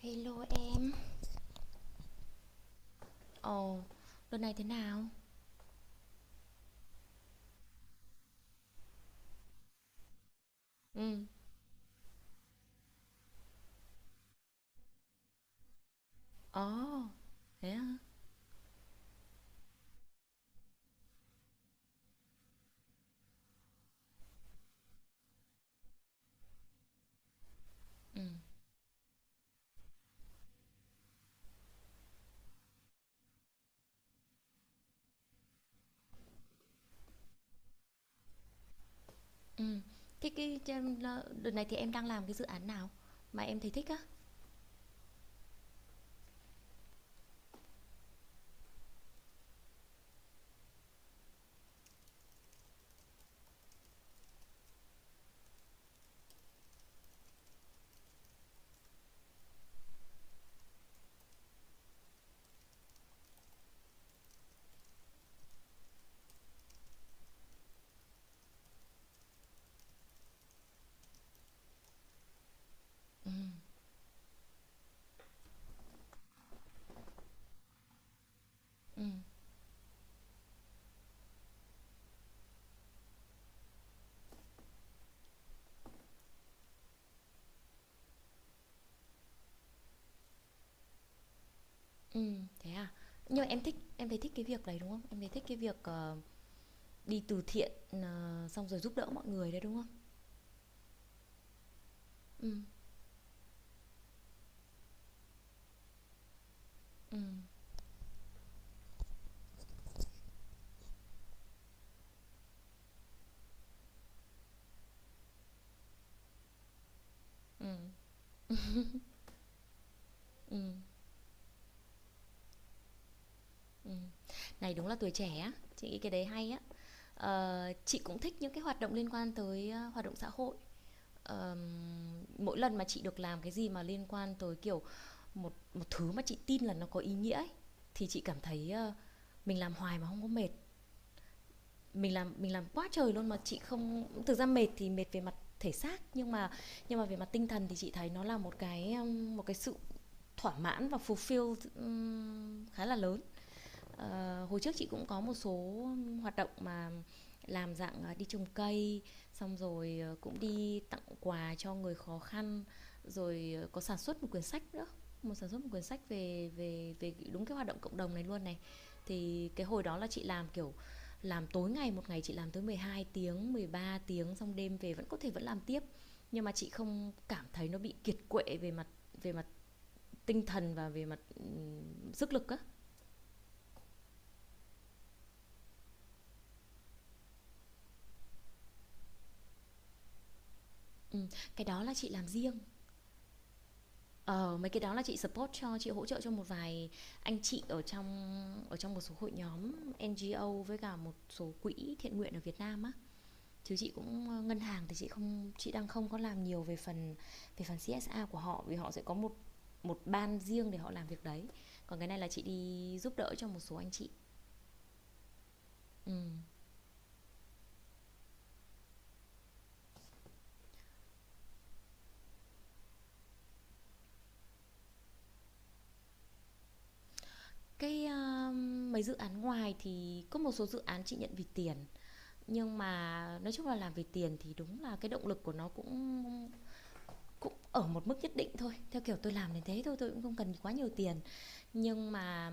Hello em. Ồ, đợt này thế nào? Ừ. Ồ, thế hả? Ừ, ừ. Cái, cái, trên, Đợt này thì em đang làm cái dự án nào mà em thấy thích á? Ừ, ừ, ừ, thế à? Nhưng mà em thấy thích cái việc đấy đúng không? Em thấy thích cái việc đi từ thiện xong rồi giúp đỡ mọi người đấy đúng không? Ừ, ừ, ừ, ừ, ừ. Này đúng là tuổi trẻ á, chị nghĩ cái đấy hay á. Ờ, chị cũng thích những cái hoạt động liên quan tới hoạt động xã hội. Ờm, Mỗi lần mà chị được làm cái gì mà liên quan tới, kiểu, một một thứ mà chị tin là nó có ý nghĩa ấy, thì chị cảm thấy, mình làm hoài mà không có mệt. Mình làm quá trời luôn mà chị không thực ra mệt thì mệt về mặt thể xác, nhưng mà về mặt tinh thần thì chị thấy nó là một cái sự thỏa mãn và fulfill, khá là lớn. Ờ, hồi trước chị cũng có một số hoạt động mà làm dạng đi trồng cây, xong rồi cũng đi tặng quà cho người khó khăn, rồi có sản xuất một quyển sách nữa, một sản xuất một quyển sách về về về đúng cái hoạt động cộng đồng này luôn này. Thì cái hồi đó là chị làm kiểu làm tối ngày, một ngày chị làm tới 12 tiếng, 13 tiếng, xong đêm về vẫn có thể vẫn làm tiếp. Nhưng mà chị không cảm thấy nó bị kiệt quệ về mặt tinh thần và về mặt sức lực á. Ừm, cái đó là chị làm riêng. Ờ, mấy cái đó là chị hỗ trợ cho một vài anh chị ở trong một số hội nhóm NGO với cả một số quỹ thiện nguyện ở Việt Nam á. Chứ chị cũng ngân hàng thì chị đang không có làm nhiều về phần CSA của họ, vì họ sẽ có một một ban riêng để họ làm việc đấy. Còn cái này là chị đi giúp đỡ cho một số anh chị. Ừm. Cái ờ, Mấy dự án ngoài thì có một số dự án chị nhận vì tiền, nhưng mà nói chung là làm vì tiền thì đúng là cái động lực của nó cũng cũng ở một mức nhất định thôi, theo kiểu tôi làm đến thế thôi, tôi cũng không cần quá nhiều tiền. Nhưng mà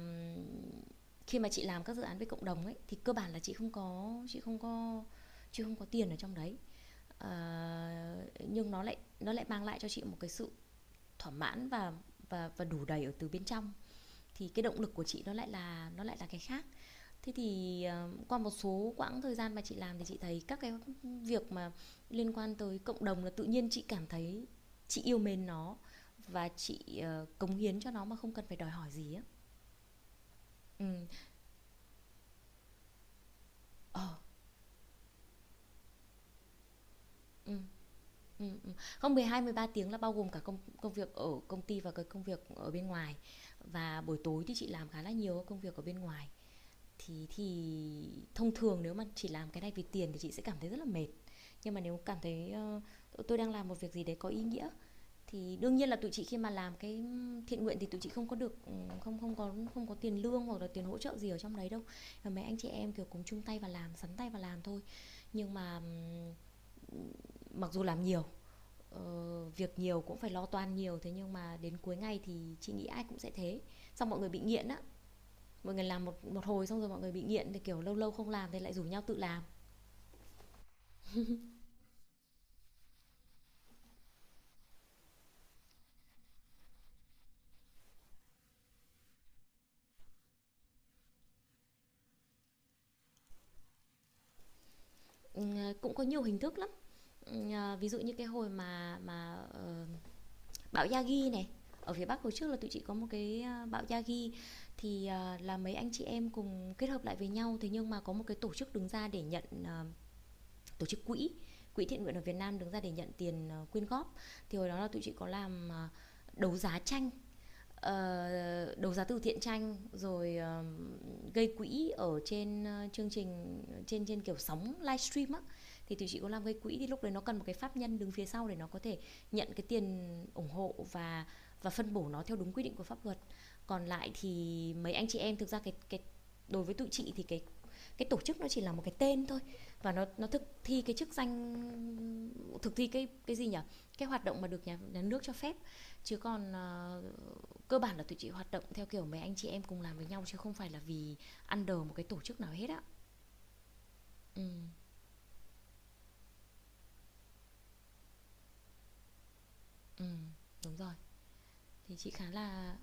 khi mà chị làm các dự án với cộng đồng ấy thì cơ bản là chị không có chị không có chị không có tiền ở trong đấy. Ờ, nhưng nó lại mang lại cho chị một cái sự thỏa mãn và đủ đầy ở từ bên trong, thì cái động lực của chị nó lại là cái khác. Thế thì qua một số quãng thời gian mà chị làm thì chị thấy các cái việc mà liên quan tới cộng đồng là tự nhiên chị cảm thấy chị yêu mến nó và chị cống hiến cho nó mà không cần phải đòi hỏi gì á. Ừ. Ờ. Ừ. Ừ, ừ. Không, 12 13 tiếng là bao gồm cả công công việc ở công ty và cái công việc ở bên ngoài. Và buổi tối thì chị làm khá là nhiều công việc ở bên ngoài. Thì thông thường nếu mà chỉ làm cái này vì tiền thì chị sẽ cảm thấy rất là mệt. Nhưng mà nếu cảm thấy tôi đang làm một việc gì đấy có ý nghĩa thì đương nhiên là tụi chị, khi mà làm cái thiện nguyện thì tụi chị không có được không không có không có tiền lương hoặc là tiền hỗ trợ gì ở trong đấy đâu, và mấy anh chị em kiểu cùng chung tay và làm sắn tay và làm thôi. Nhưng mà mặc dù làm nhiều việc nhiều cũng phải lo toan nhiều, thế nhưng mà đến cuối ngày thì chị nghĩ ai cũng sẽ thế, xong mọi người bị nghiện á, mọi người làm một một hồi xong rồi mọi người bị nghiện thì kiểu lâu lâu không làm thì lại rủ nhau tự làm. Ừ, cũng có nhiều hình thức lắm. Ừ, ví dụ như cái hồi bão Yagi này ở phía Bắc, hồi trước là tụi chị có một cái, bão Yagi, thì là mấy anh chị em cùng kết hợp lại với nhau, thế nhưng mà có một cái tổ chức đứng ra để nhận, tổ chức quỹ quỹ thiện nguyện ở Việt Nam đứng ra để nhận tiền, quyên góp. Thì hồi đó là tụi chị có làm, đấu giá tranh, đấu giá từ thiện tranh, rồi gây quỹ ở trên chương trình trên trên kiểu sóng livestream á. Thì tụi chị có làm gây quỹ, thì lúc đấy nó cần một cái pháp nhân đứng phía sau để nó có thể nhận cái tiền ủng hộ và phân bổ nó theo đúng quy định của pháp luật. Còn lại thì mấy anh chị em thực ra cái đối với tụi chị thì cái tổ chức nó chỉ là một cái tên thôi, và nó thực thi cái chức danh, thực thi cái gì nhỉ, cái hoạt động mà được nhà nước cho phép, chứ còn cơ bản là tụi chị hoạt động theo kiểu mấy anh chị em cùng làm với nhau chứ không phải là vì ăn đờ một cái tổ chức nào hết á. Ừ, ừ, đúng rồi. Thì chị khá là,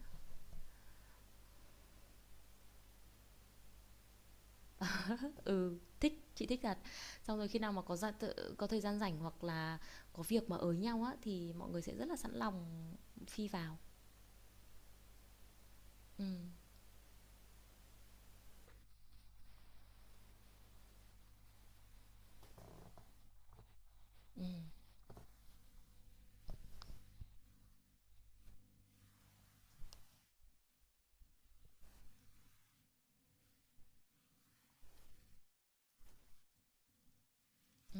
ừ, thích, chị thích thật. Xong rồi khi nào mà có có thời gian rảnh hoặc là có việc mà ới nhau á thì mọi người sẽ rất là sẵn lòng phi vào. Ừ, ừ, ừ,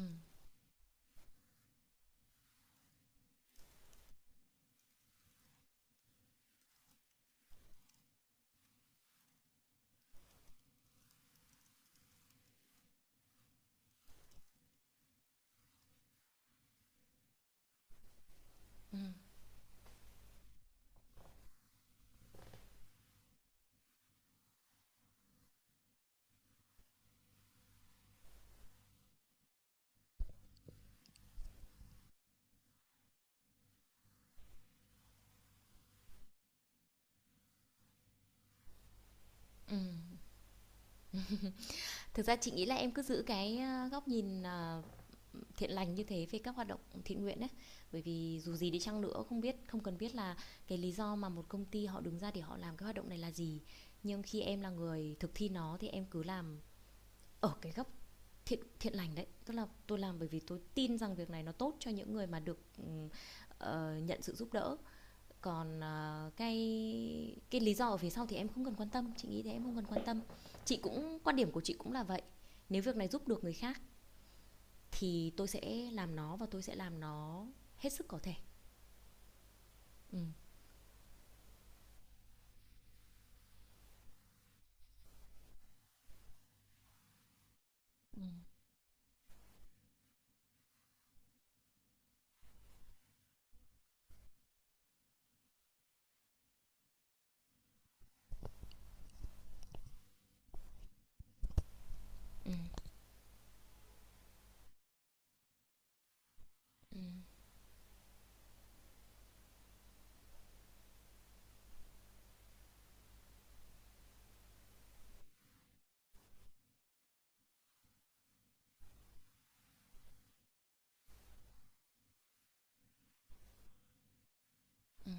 ừ, ừ. Thực ra chị nghĩ là em cứ giữ cái góc nhìn thiện lành như thế về các hoạt động thiện nguyện ấy, bởi vì dù gì đi chăng nữa, không biết, không cần biết là cái lý do mà một công ty họ đứng ra để họ làm cái hoạt động này là gì, nhưng khi em là người thực thi nó thì em cứ làm ở cái góc thiện thiện lành đấy, tức là tôi làm bởi vì tôi tin rằng việc này nó tốt cho những người mà được nhận sự giúp đỡ. Còn cái lý do ở phía sau thì em không cần quan tâm, chị nghĩ thế, em không cần quan tâm. Chị cũng, quan điểm của chị cũng là vậy, nếu việc này giúp được người khác thì tôi sẽ làm nó và tôi sẽ làm nó hết sức có thể. Ừ. Ừ. Ừ. Ừ. Ừ.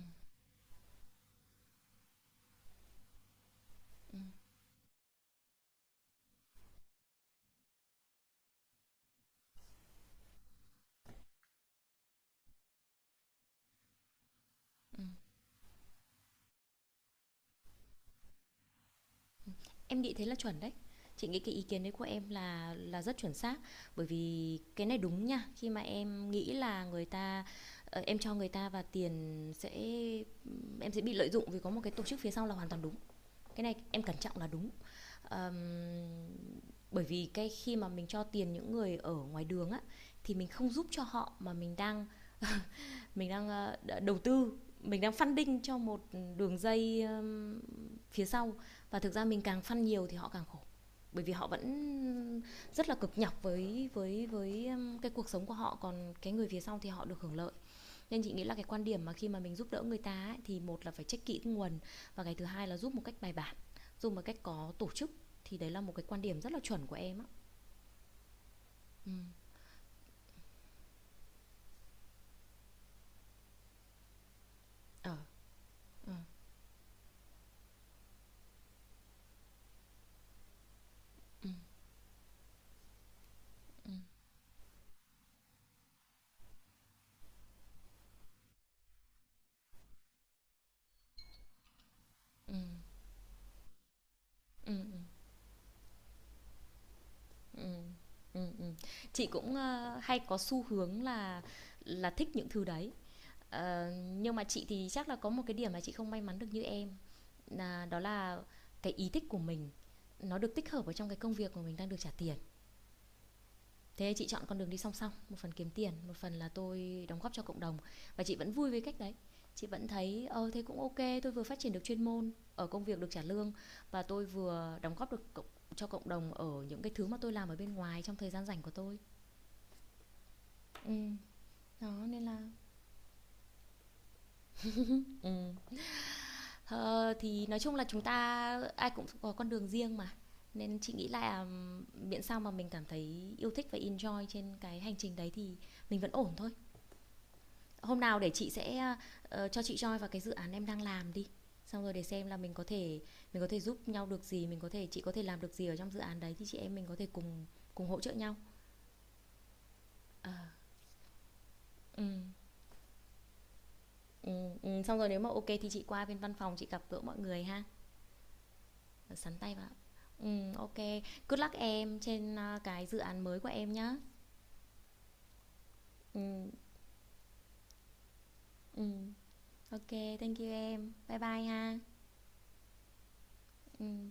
Ừ. Em nghĩ thế là chuẩn đấy, chị nghĩ cái ý kiến đấy của em là rất chuẩn xác, bởi vì cái này đúng nha. Khi mà em nghĩ là người ta, em cho người ta và tiền sẽ, em sẽ bị lợi dụng vì có một cái tổ chức phía sau là hoàn toàn đúng. Cái này em cẩn trọng là đúng. Ờm, Bởi vì cái khi mà mình cho tiền những người ở ngoài đường á, thì mình không giúp cho họ mà mình đang, mình đang ờ, đầu tư, mình đang funding cho một đường dây phía sau, và thực ra mình càng fund nhiều thì họ càng khổ, bởi vì họ vẫn rất là cực nhọc với với cái cuộc sống của họ, còn cái người phía sau thì họ được hưởng lợi. Nên chị nghĩ là cái quan điểm mà khi mà mình giúp đỡ người ta ấy, thì một là phải check kỹ nguồn, và cái thứ hai là giúp một cách bài bản, giúp một cách có tổ chức, thì đấy là một cái quan điểm rất là chuẩn của em á. Ừ. Ờ, ừ. Ừ. Ừ. Ừ. Ừm, ừm. Chị cũng, hay có xu hướng là thích những thứ đấy. Ờ, nhưng mà chị thì chắc là có một cái điểm mà chị không may mắn được như em, nà đó là cái ý thích của mình nó được tích hợp vào trong cái công việc mà mình đang được trả tiền. Thế chị chọn con đường đi song song, một phần kiếm tiền, một phần là tôi đóng góp cho cộng đồng, và chị vẫn vui với cách đấy. Chị vẫn thấy, thế cũng ok, tôi vừa phát triển được chuyên môn ở công việc được trả lương và tôi vừa đóng góp được cho cộng đồng ở những cái thứ mà tôi làm ở bên ngoài trong thời gian rảnh của tôi. Ừm, đó, nên là. Ừm. Ờ, thì nói chung là chúng ta ai cũng có con đường riêng mà, nên chị nghĩ là miễn sao mà mình cảm thấy yêu thích và enjoy trên cái hành trình đấy thì mình vẫn ổn thôi. Hôm nào để chị sẽ, cho chị join vào cái dự án em đang làm đi, xong rồi để xem là mình có thể giúp nhau được gì, mình có thể chị có thể làm được gì ở trong dự án đấy thì chị em mình có thể cùng cùng hỗ trợ nhau. Ờ, ừm, xong rồi nếu mà ok thì chị qua bên văn phòng chị gặp gỡ mọi người ha. Ờ, sắn tay vào ạ. OK. Good luck em cái dự án mới của em nhá. Ừm, ừm. OK, thank you em. Bye bye ha. Ừm.